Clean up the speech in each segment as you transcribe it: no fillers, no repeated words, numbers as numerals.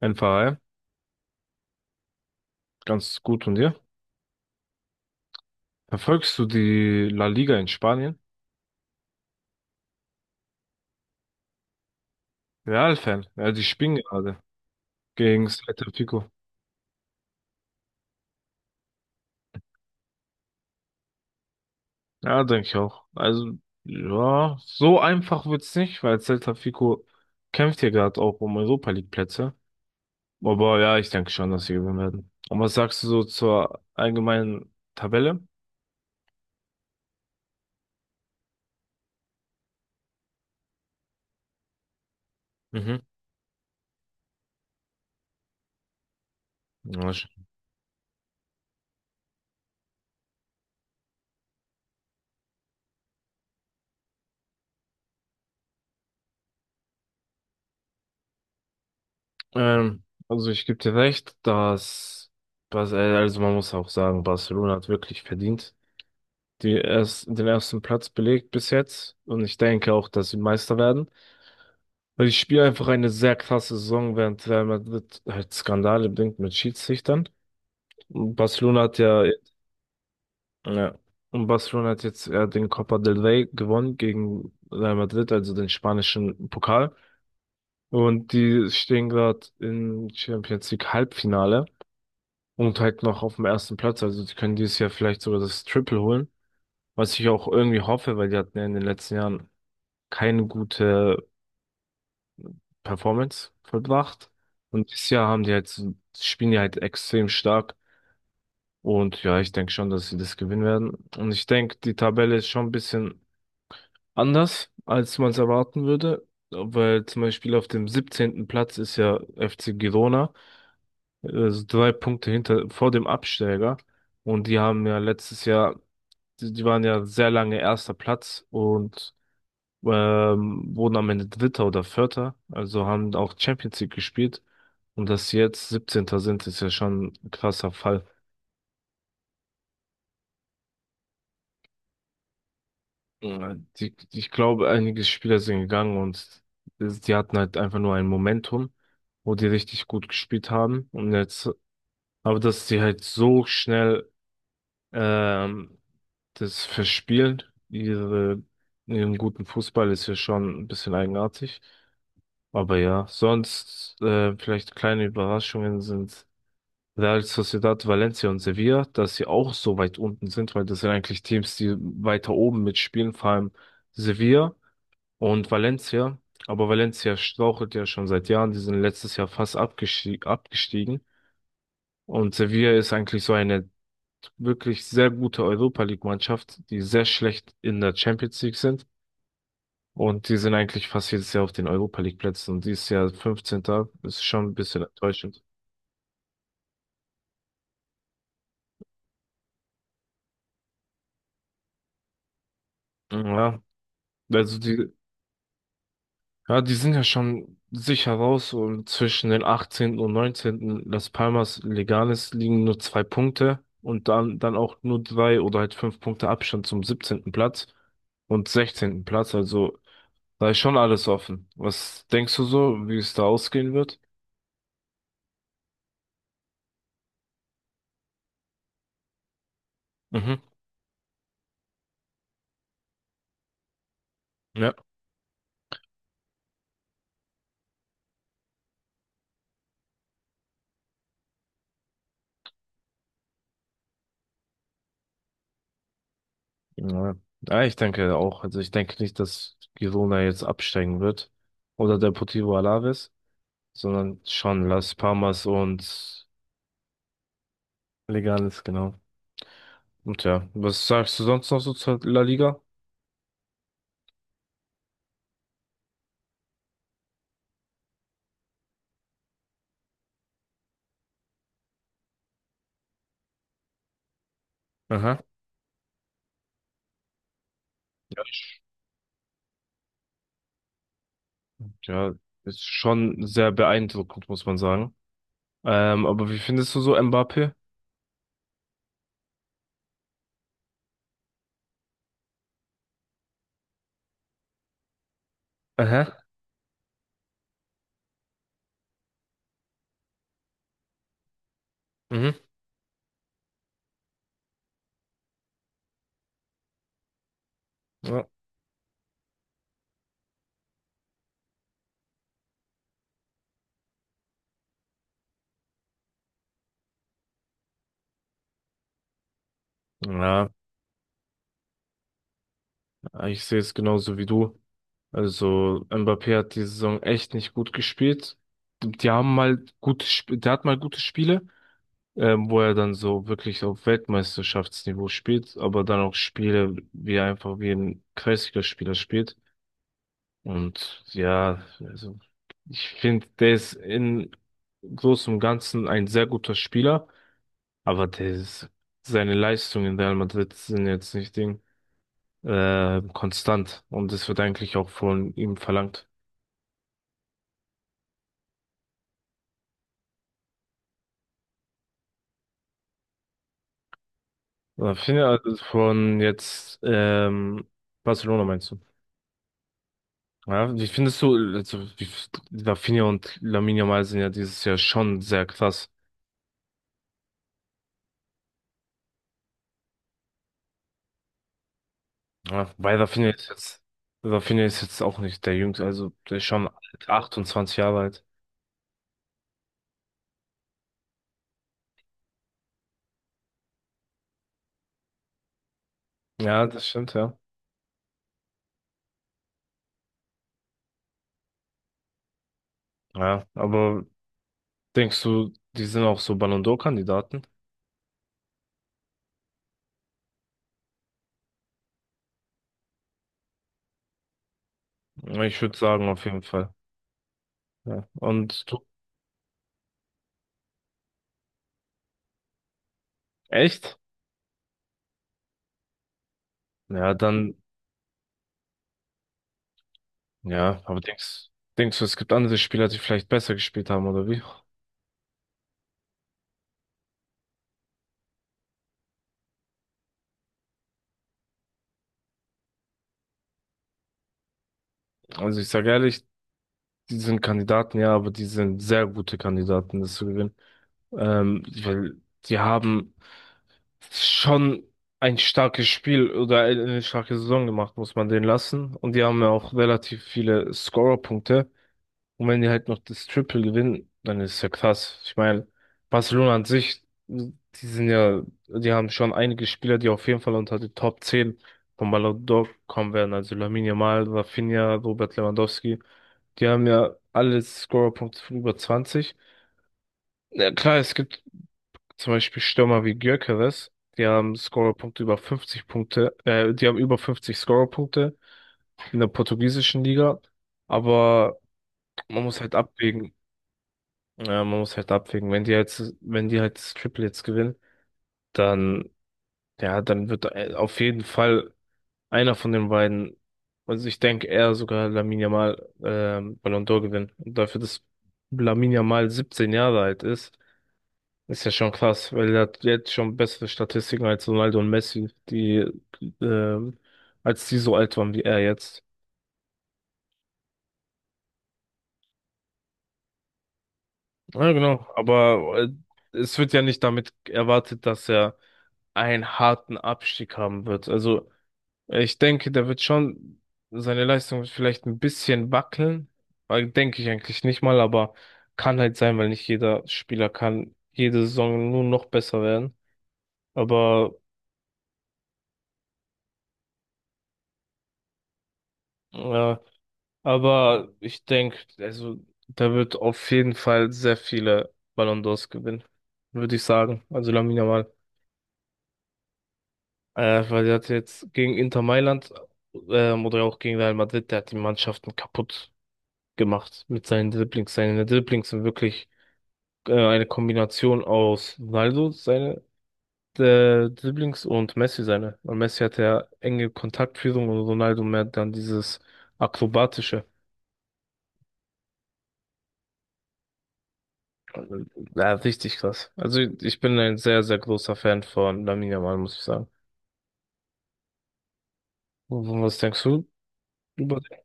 NVA, ganz gut und dir? Verfolgst du die La Liga in Spanien? Real-Fan, ja, die spielen gerade gegen Celta Vigo. Ja, denke ich auch. Also, ja, so einfach wird's nicht, weil Celta Vigo kämpft hier gerade auch um Europa League Plätze. Aber ja, ich denke schon, dass sie gewinnen werden. Und was sagst du so zur allgemeinen Tabelle? Mhm. Ja, sch- also ich gebe dir recht, dass also man muss auch sagen, Barcelona hat wirklich verdient. Den ersten Platz belegt bis jetzt. Und ich denke auch, dass sie Meister werden. Weil ich spiele einfach eine sehr krasse Saison, während Real Madrid halt Skandale bringt mit Schiedsrichtern. Und Barcelona hat ja, ja, und Barcelona hat jetzt ja den Copa del Rey gewonnen gegen Real Madrid, also den spanischen Pokal. Und die stehen gerade im Champions League Halbfinale und halt noch auf dem ersten Platz. Also die können dieses Jahr vielleicht sogar das Triple holen. Was ich auch irgendwie hoffe, weil die hatten ja in den letzten Jahren keine gute Performance vollbracht. Und dieses Jahr haben die halt, so, spielen die halt extrem stark. Und ja, ich denke schon, dass sie das gewinnen werden. Und ich denke, die Tabelle ist schon ein bisschen anders, als man es erwarten würde. Weil zum Beispiel auf dem siebzehnten Platz ist ja FC Girona, also drei Punkte hinter, vor dem Absteiger. Und die haben ja letztes Jahr, die waren ja sehr lange erster Platz und wurden am Ende Dritter oder Vierter, also haben auch Champions League gespielt. Und dass sie jetzt Siebzehnter sind, ist ja schon ein krasser Fall. Mhm. Ich glaube, einige Spieler sind gegangen und die hatten halt einfach nur ein Momentum, wo die richtig gut gespielt haben. Und jetzt, aber dass sie halt so schnell ähm, das verspielen, ihre, ihren guten Fußball, ist ja schon ein bisschen eigenartig. Aber ja, sonst vielleicht kleine Überraschungen sind. Real Sociedad, Valencia und Sevilla, dass sie auch so weit unten sind, weil das sind eigentlich Teams, die weiter oben mitspielen, vor allem Sevilla und Valencia. Aber Valencia strauchelt ja schon seit Jahren, die sind letztes Jahr fast abgestiegen. Und Sevilla ist eigentlich so eine wirklich sehr gute Europa League-Mannschaft, die sehr schlecht in der Champions League sind. Und die sind eigentlich fast jedes Jahr auf den Europa League-Plätzen. Und dieses Jahr 15. ist schon ein bisschen enttäuschend. Ja, also die, Ja, die sind ja schon sicher raus und zwischen den 18. und 19. Las Palmas Leganes liegen nur zwei Punkte und dann auch nur drei oder halt fünf Punkte Abstand zum 17. Platz und 16. Platz. Also da ist schon alles offen. Was denkst du so, wie es da ausgehen wird? Mhm. Ja. Ja. Ja, ich denke auch. Also ich denke nicht, dass Girona jetzt absteigen wird oder Deportivo Alaves, sondern schon Las Palmas und Leganes, genau. Und ja, was sagst du sonst noch so zur La Liga? Aha. Ja, ich- ja, ist schon sehr beeindruckend, muss man sagen. Aber wie findest du so Mbappé? Aha. Mhm. Ja. Ja, ich sehe es genauso wie du. Also Mbappé hat die Saison echt nicht gut gespielt. Die haben mal gute, Sp- Der hat mal gute Spiele, wo er dann so wirklich auf Weltmeisterschaftsniveau spielt, aber dann auch Spiele, wie er einfach wie ein Kreisligaspieler spielt. Und ja, also ich finde, der ist in großem und Ganzen ein sehr guter Spieler, aber seine Leistungen in Real Madrid sind jetzt nicht konstant und es wird eigentlich auch von ihm verlangt. Finde also von jetzt Barcelona meinst du? Ja, wie findest du, also, wie, Rafinha und Lamine Yamal sind ja dieses Jahr schon sehr krass. Ja, weil Rafinha ist jetzt auch nicht der Jüngste, also der ist schon alt, 28 Jahre alt. Ja, das stimmt, ja. Ja, aber denkst du, die sind auch so Ballon d'Or-Kandidaten? Ja, ich würde sagen, auf jeden Fall. Ja. Und du, echt? Ja, dann, ja, aber denkst, denkst du, es gibt andere Spieler, die vielleicht besser gespielt haben, oder wie? Also ich sage ehrlich, die sind Kandidaten, ja, aber die sind sehr gute Kandidaten, das zu gewinnen. Weil die haben schon ein starkes Spiel oder eine starke Saison gemacht, muss man denen lassen. Und die haben ja auch relativ viele Scorerpunkte. Und wenn die halt noch das Triple gewinnen, dann ist es ja krass. Ich meine, Barcelona an sich, die sind ja, die haben schon einige Spieler, die auf jeden Fall unter die Top 10 von Ballon d'Or kommen werden. Also Lamine Yamal, Rafinha, Robert Lewandowski. Die haben ja alle Scorerpunkte von über 20. Ja, klar, es gibt zum Beispiel Stürmer wie Gyökeres, die haben über 50 Scorerpunkte in der portugiesischen Liga. Aber man muss halt abwägen. Ja, man muss halt abwägen. Wenn die halt das Triple jetzt gewinnen, dann, ja, dann wird auf jeden Fall einer von den beiden, also ich denke eher sogar Lamine Yamal Ballon d'Or gewinnen. Und dafür, dass Lamine Yamal 17 Jahre alt ist, ist ja schon krass, weil er hat jetzt schon bessere Statistiken als Ronaldo und Messi, ähm, als die so alt waren wie er jetzt. Ja, genau. Aber es wird ja nicht damit erwartet, dass er einen harten Abstieg haben wird. Also ich denke, der wird schon, seine Leistung wird vielleicht ein bisschen wackeln. Denke ich eigentlich nicht mal, aber kann halt sein, weil nicht jeder Spieler kann jede Saison nur noch besser werden. Aber, äh, aber ich denke, also der wird auf jeden Fall sehr viele Ballon d'Ors gewinnen, würde ich sagen. Also Lamine Yamal. Weil der hat jetzt gegen Inter Mailand oder auch gegen Real Madrid, der hat die Mannschaften kaputt gemacht mit seinen Dribblings. Seine Dribblings sind wirklich eine Kombination aus Ronaldo, seine Dribblings und Messi seine. Und Messi hat ja enge Kontaktführung und Ronaldo mehr dann dieses Akrobatische. Ja, richtig krass. Also ich bin ein sehr, sehr großer Fan von Lamine Yamal, muss ich sagen. Und was denkst du über den?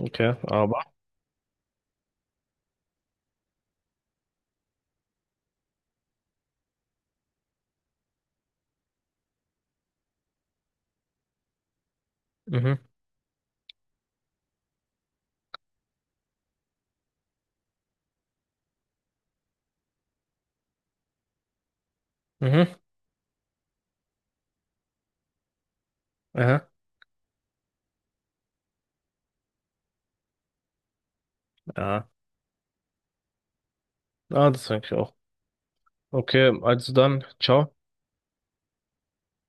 Okay, aber. Mhm, mhm, aha, ja. Ah, das denke ich auch. Okay, also dann, ciao.